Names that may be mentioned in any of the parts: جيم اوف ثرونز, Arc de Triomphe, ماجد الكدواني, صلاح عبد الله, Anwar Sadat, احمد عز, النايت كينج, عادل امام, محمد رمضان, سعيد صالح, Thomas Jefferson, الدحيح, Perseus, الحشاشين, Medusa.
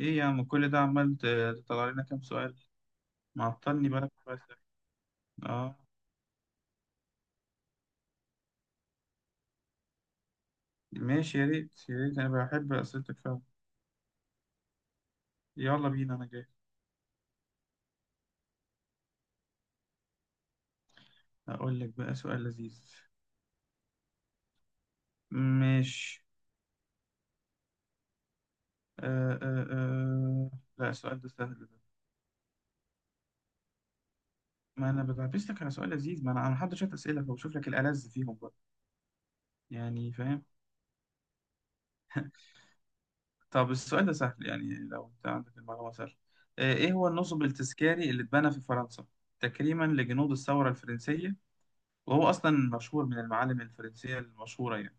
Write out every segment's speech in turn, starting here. ايه يا عم، كل ده عمال تطلع لنا كام سؤال؟ معطلني بالك بس. اه، ماشي، يا ريت يا ريت، انا بحب اسئلتك فعلا. يلا بينا، انا جاي. اقول لك بقى سؤال لذيذ. ماشي. آه آه آه. لا، السؤال ده سهل ده. ما انا بلبس لك على سؤال لذيذ، ما انا محضر شويه اسئله، فبشوف لك الالذ فيهم بقى، يعني فاهم. طب السؤال ده سهل، يعني لو انت عندك المعلومه سهل. ايه هو النصب التذكاري اللي اتبنى في فرنسا تكريما لجنود الثوره الفرنسيه، وهو أصلا مشهور من المعالم الفرنسية المشهورة يعني.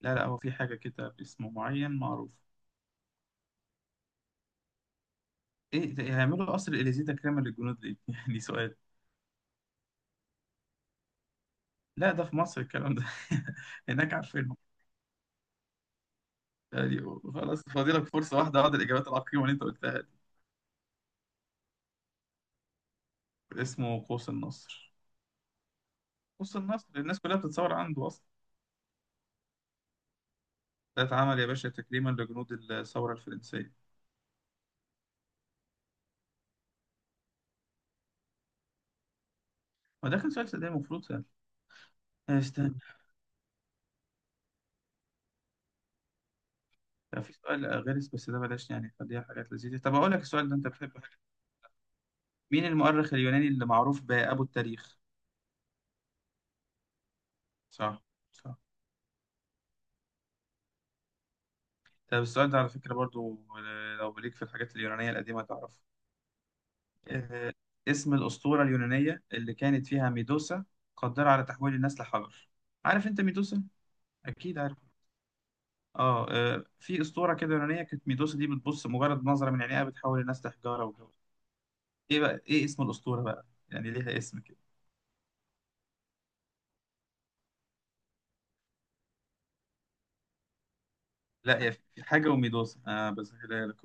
لا لا، هو في حاجة كده باسمه معين معروف. إيه هيعملوا قصر الإليزيه تكريما للجنود ليه؟ يعني سؤال. لا ده في مصر الكلام ده. هناك عارفينهم يعني. خلاص، فاضلك فرصة واحدة بعد الإجابات العقيمة اللي أنت قلتها دي. اسمه قوس النصر. قوس النصر، الناس كلها بتتصور عنده أصلا. ده اتعمل يا باشا تكريما لجنود الثورة الفرنسية. ما ده كان سؤال صدق، المفروض سهل. استنى. لا، في سؤال غير بس ده بلاش، يعني خليها حاجات لذيذة. طب أقول لك السؤال ده أنت بتحبه. مين المؤرخ اليوناني اللي معروف بأبو التاريخ؟ صح صح. طب السؤال ده على فكرة برضو، لو ليك في الحاجات اليونانية القديمة تعرفه. آه، اسم الأسطورة اليونانية اللي كانت فيها ميدوسا قدرة على تحويل الناس لحجر. عارف أنت ميدوسا؟ أكيد عارف. في أسطورة كده يونانية، كانت ميدوسا دي بتبص مجرد نظرة من عينيها بتحول الناس لحجارة وجو. إيه بقى، إيه اسم الأسطورة بقى؟ يعني ليها اسم كده. لا هي في حاجة وميدوسا، بسهلها لك.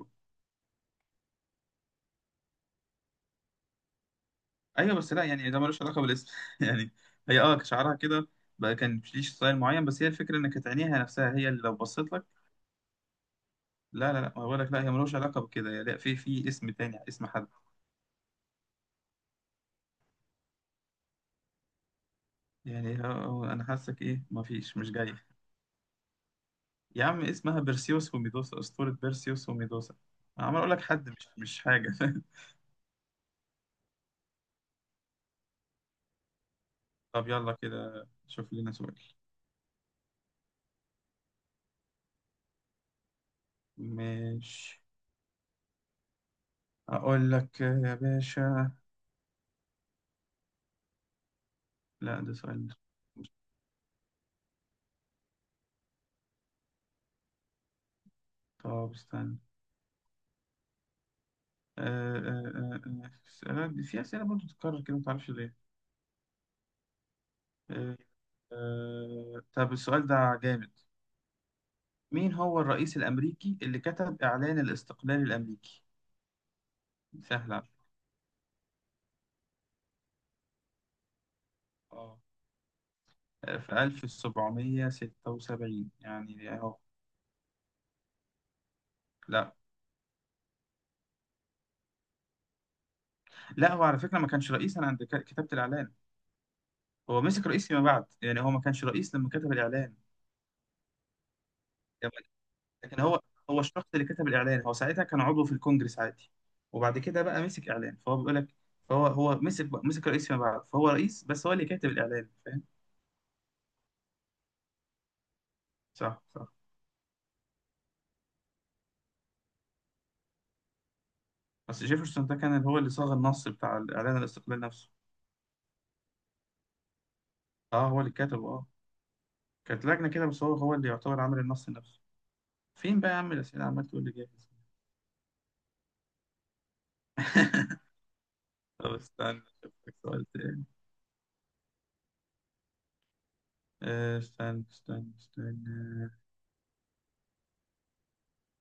ايوه بس لا، يعني ده ملوش علاقه بالاسم يعني. هي اه شعرها كده بقى كان ليش ستايل معين، بس هي الفكره ان كانت عينيها نفسها هي اللي لو بصيت لك. لا لا لا، ما بقول لك لا، هي ملوش علاقه بكده يعني. لا، في اسم تاني، اسم حد يعني. اه، انا حاسك ايه، ما فيش، مش جاي. يا عم اسمها بيرسيوس وميدوسا، اسطوره بيرسيوس وميدوسا. أنا عمال اقول لك حد، مش حاجه طب يلا كده شوف لنا سؤال. مش، اقول لك يا باشا. لا ده سؤال. طب استنى. آه، آه، آه، آه، في أسئلة برضه بتتكرر كده، متعرفش ليه. آه، طب السؤال ده جامد. مين هو الرئيس الأمريكي اللي كتب إعلان الاستقلال الأمريكي؟ سهل على فكرة. اه، في 1776 يعني أهو. لا لا، هو على فكرة ما كانش رئيس أنا عند كتابة الإعلان. هو مسك رئيس فيما بعد، يعني هو ما كانش رئيس لما كتب الإعلان. لكن هو، هو الشخص اللي كتب الاعلان، هو ساعتها كان عضو في الكونجرس عادي، وبعد كده بقى مسك اعلان فهو بيقول لك. فهو هو مسك رئيس فيما بعد، فهو رئيس، بس هو اللي كاتب الاعلان، فاهم. صح صح. بس جيفرسون ده كان هو اللي صاغ النص بتاع الاعلان الاستقلال نفسه. اه هو اللي كتبه اه. كانت لجنه كده، بس هو اللي يعتبر عامل النص نفسه. فين بقى يا عم الاسئله، عمال تقول لي جاهز. طب استنى اشوف لك سؤال تاني. استنى استنى استنى.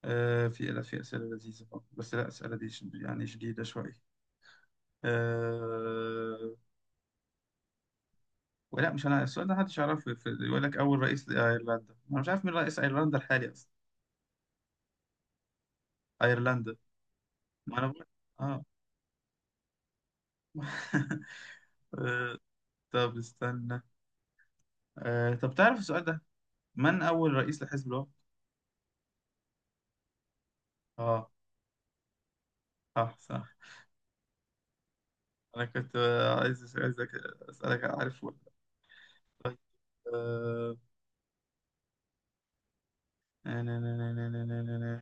في، لا في اسئله لذيذه برضه. بس لا، اسئله دي يعني شديده شويه. أه... ولا مش، انا السؤال ده محدش يعرفه، يقول لك اول رئيس لايرلندا، انا مش عارف مين رئيس ايرلندا الحالي اصلا. ايرلندا، ما انا بقول. اه طب استنى. طب تعرف السؤال ده، من اول رئيس لحزب الوقت. اه صح صح. انا كنت عايز عايزك اسالك عارف ولا لأ. طيب. أه... نا- نا- نا- نا- نا- نا- نا- نا.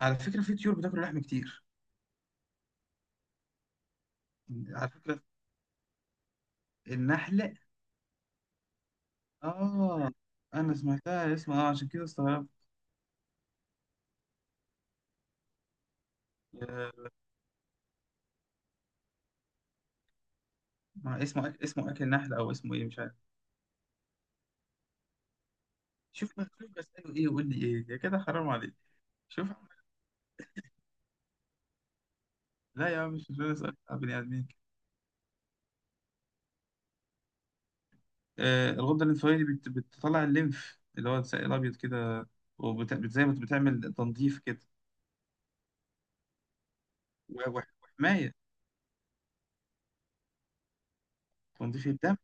على فكره في طيور بتاكل لحم كتير. على فكره النحله. اه انا سمعتها اسمها اه، عشان كده استغربت. آه، ما اسمه، اسمه اكل نحل او اسمه ايه مش عارف. شوف مخلوق اساله ايه ويقول لي ايه، يا كده حرام عليك. شوف. لا يا عم، مش اسال بني ادمين. آه الغده الانسوليه بتطلع الليمف اللي هو السائل الابيض كده، وبت... بت- زي ما بتعمل تنظيف كده. و وحمايه. تنظيف الدم.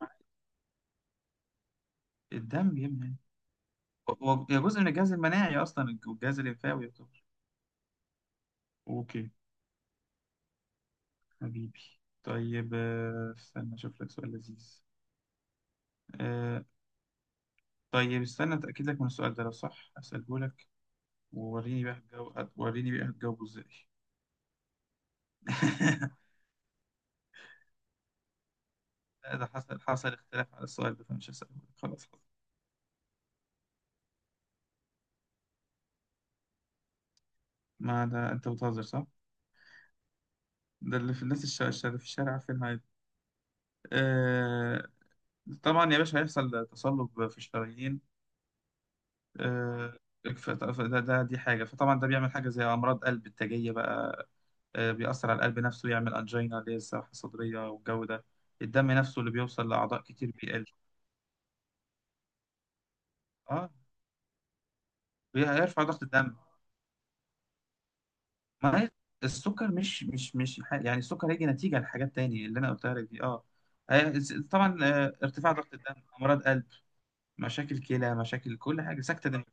الدم يا ابني. هي جزء من الجهاز المناعي اصلا، والجهاز الليمفاوي يعتبر. اوكي. حبيبي. طيب، استنى اشوف لك سؤال لذيذ. آه، طيب استنى اتاكد لك من السؤال ده، لو صح هساله لك. ووريني بقى هتجاوب، وريني بقى هتجاوبه ازاي. لا ده حصل، حصل اختلاف على السؤال ده فمش هسأله. خلاص حصل. ما ده انت بتهزر صح؟ ده اللي في الناس اللي في الشارع عارفينها عادي. آه... طبعا يا باشا هيحصل تصلب في الشرايين. آه... ده دي حاجة، فطبعا ده بيعمل حاجة زي أمراض قلب التاجية بقى. بيأثر على القلب نفسه، يعمل أنجينا اللي هي الساحة الصدرية والجو ده. الدم نفسه اللي بيوصل لأعضاء كتير بيقل. اه بيرفع ضغط الدم. ما هي السكر، مش مش مش ح- يعني السكر هيجي نتيجة لحاجات تانية اللي أنا قلتها لك دي أه. طبعا ارتفاع ضغط الدم، أمراض قلب، مشاكل كلى، مشاكل كل حاجة، سكتة دم.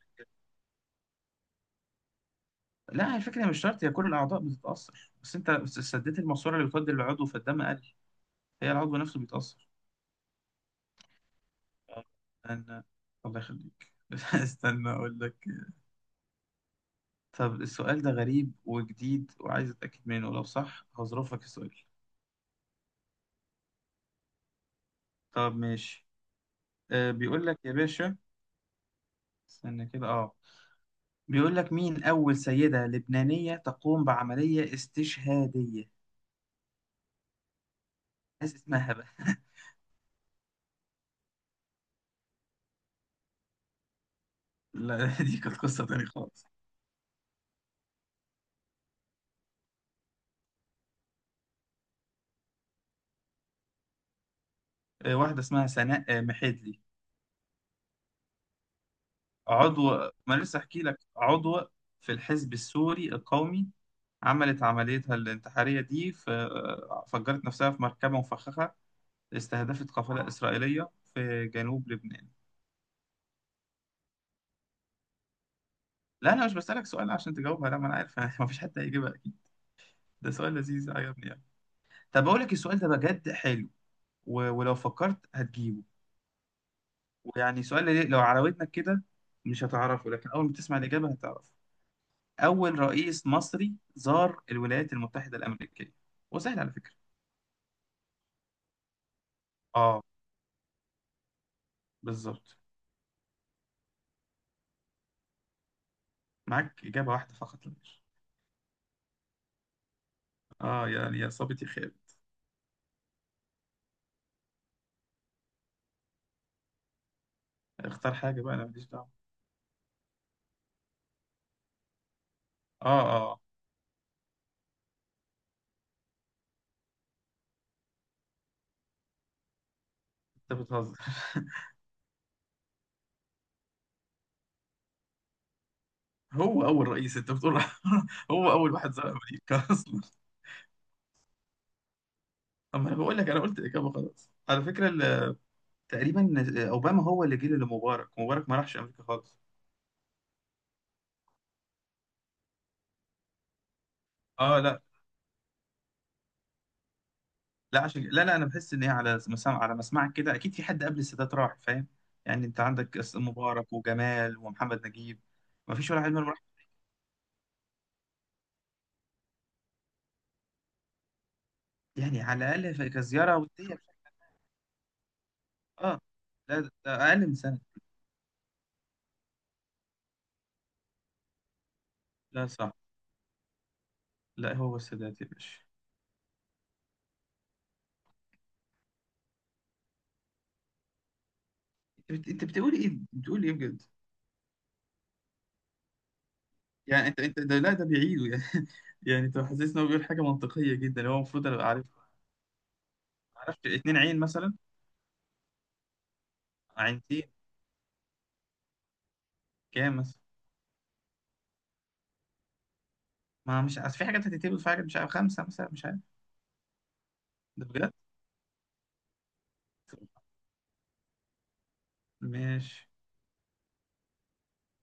لا الفكرة مش شرط، هي كل الأعضاء بتتأثر، بس أنت بس سديت الماسورة اللي بتودي للعضو فالدم قل، هي العضو نفسه بيتأثر. آه، أنا، الله يخليك استنى أقول لك. طب السؤال ده غريب وجديد وعايز أتأكد منه، لو صح هظرفك السؤال. طب ماشي. بيقول لك يا باشا، استنى كده أه. بيقول لك مين أول سيدة لبنانية تقوم بعملية استشهادية. ناس اسمها بقى لا دي كانت قصة تانية خالص. واحدة اسمها سناء محدلي. عضو، ما أنا لسه أحكي لك، عضو في الحزب السوري القومي، عملت عمليتها الانتحارية دي في، فجرت نفسها في مركبة مفخخة استهدفت قافلة إسرائيلية في جنوب لبنان. لا أنا مش بسألك سؤال عشان تجاوبها، لا ما أنا عارف ما فيش حد هيجيبها أكيد. ده سؤال لذيذ عجبني يعني. طب بقول لك السؤال ده بجد حلو، ولو فكرت هتجيبه. ويعني سؤال لو عراودنك كده مش هتعرفه، لكن أول ما تسمع الإجابة هتعرفه. أول رئيس مصري زار الولايات المتحدة الأمريكية، وسهل على فكرة. آه بالظبط. معاك إجابة واحدة فقط لا غير. آه يعني يا صابت يا خالد. اختار حاجة بقى، أنا ماليش دعوة. آه آه. أنت بتهزر هو أول رئيس أنت بتقول هو أول واحد زار أمريكا أصلا. أما أنا بقول لك، أنا قلت الإجابة خلاص على فكرة تقريبا اوباما هو اللي جه لمبارك، مبارك ما راحش امريكا خالص. اه لا، لا عشان لا لا انا بحس ان هي على مسمعك كده، اكيد في حد قبل السادات راح، فاهم. يعني انت عندك مبارك وجمال ومحمد نجيب. ما فيش ولا حد منهم راح، يعني على الاقل كزياره وديه. اه لا ده اقل من سنه. لا صح. لا هو السادات يا باشا. انت أنت بتقول ايه، بتقول ايه بجد. يعني انت ده لا ده بيعيده يعني يعني انت حاسس ان هو بيقول حاجه منطقيه جدا، هو المفروض ابقى عارفها. ما اعرفش، اتنين عين مثلا. عينتين. كام مثلا. ما مش عارف، في حاجات هتتقبل، في حاجات مش عارف، خمسه مثلا مش عارف. ده بجد. ماشي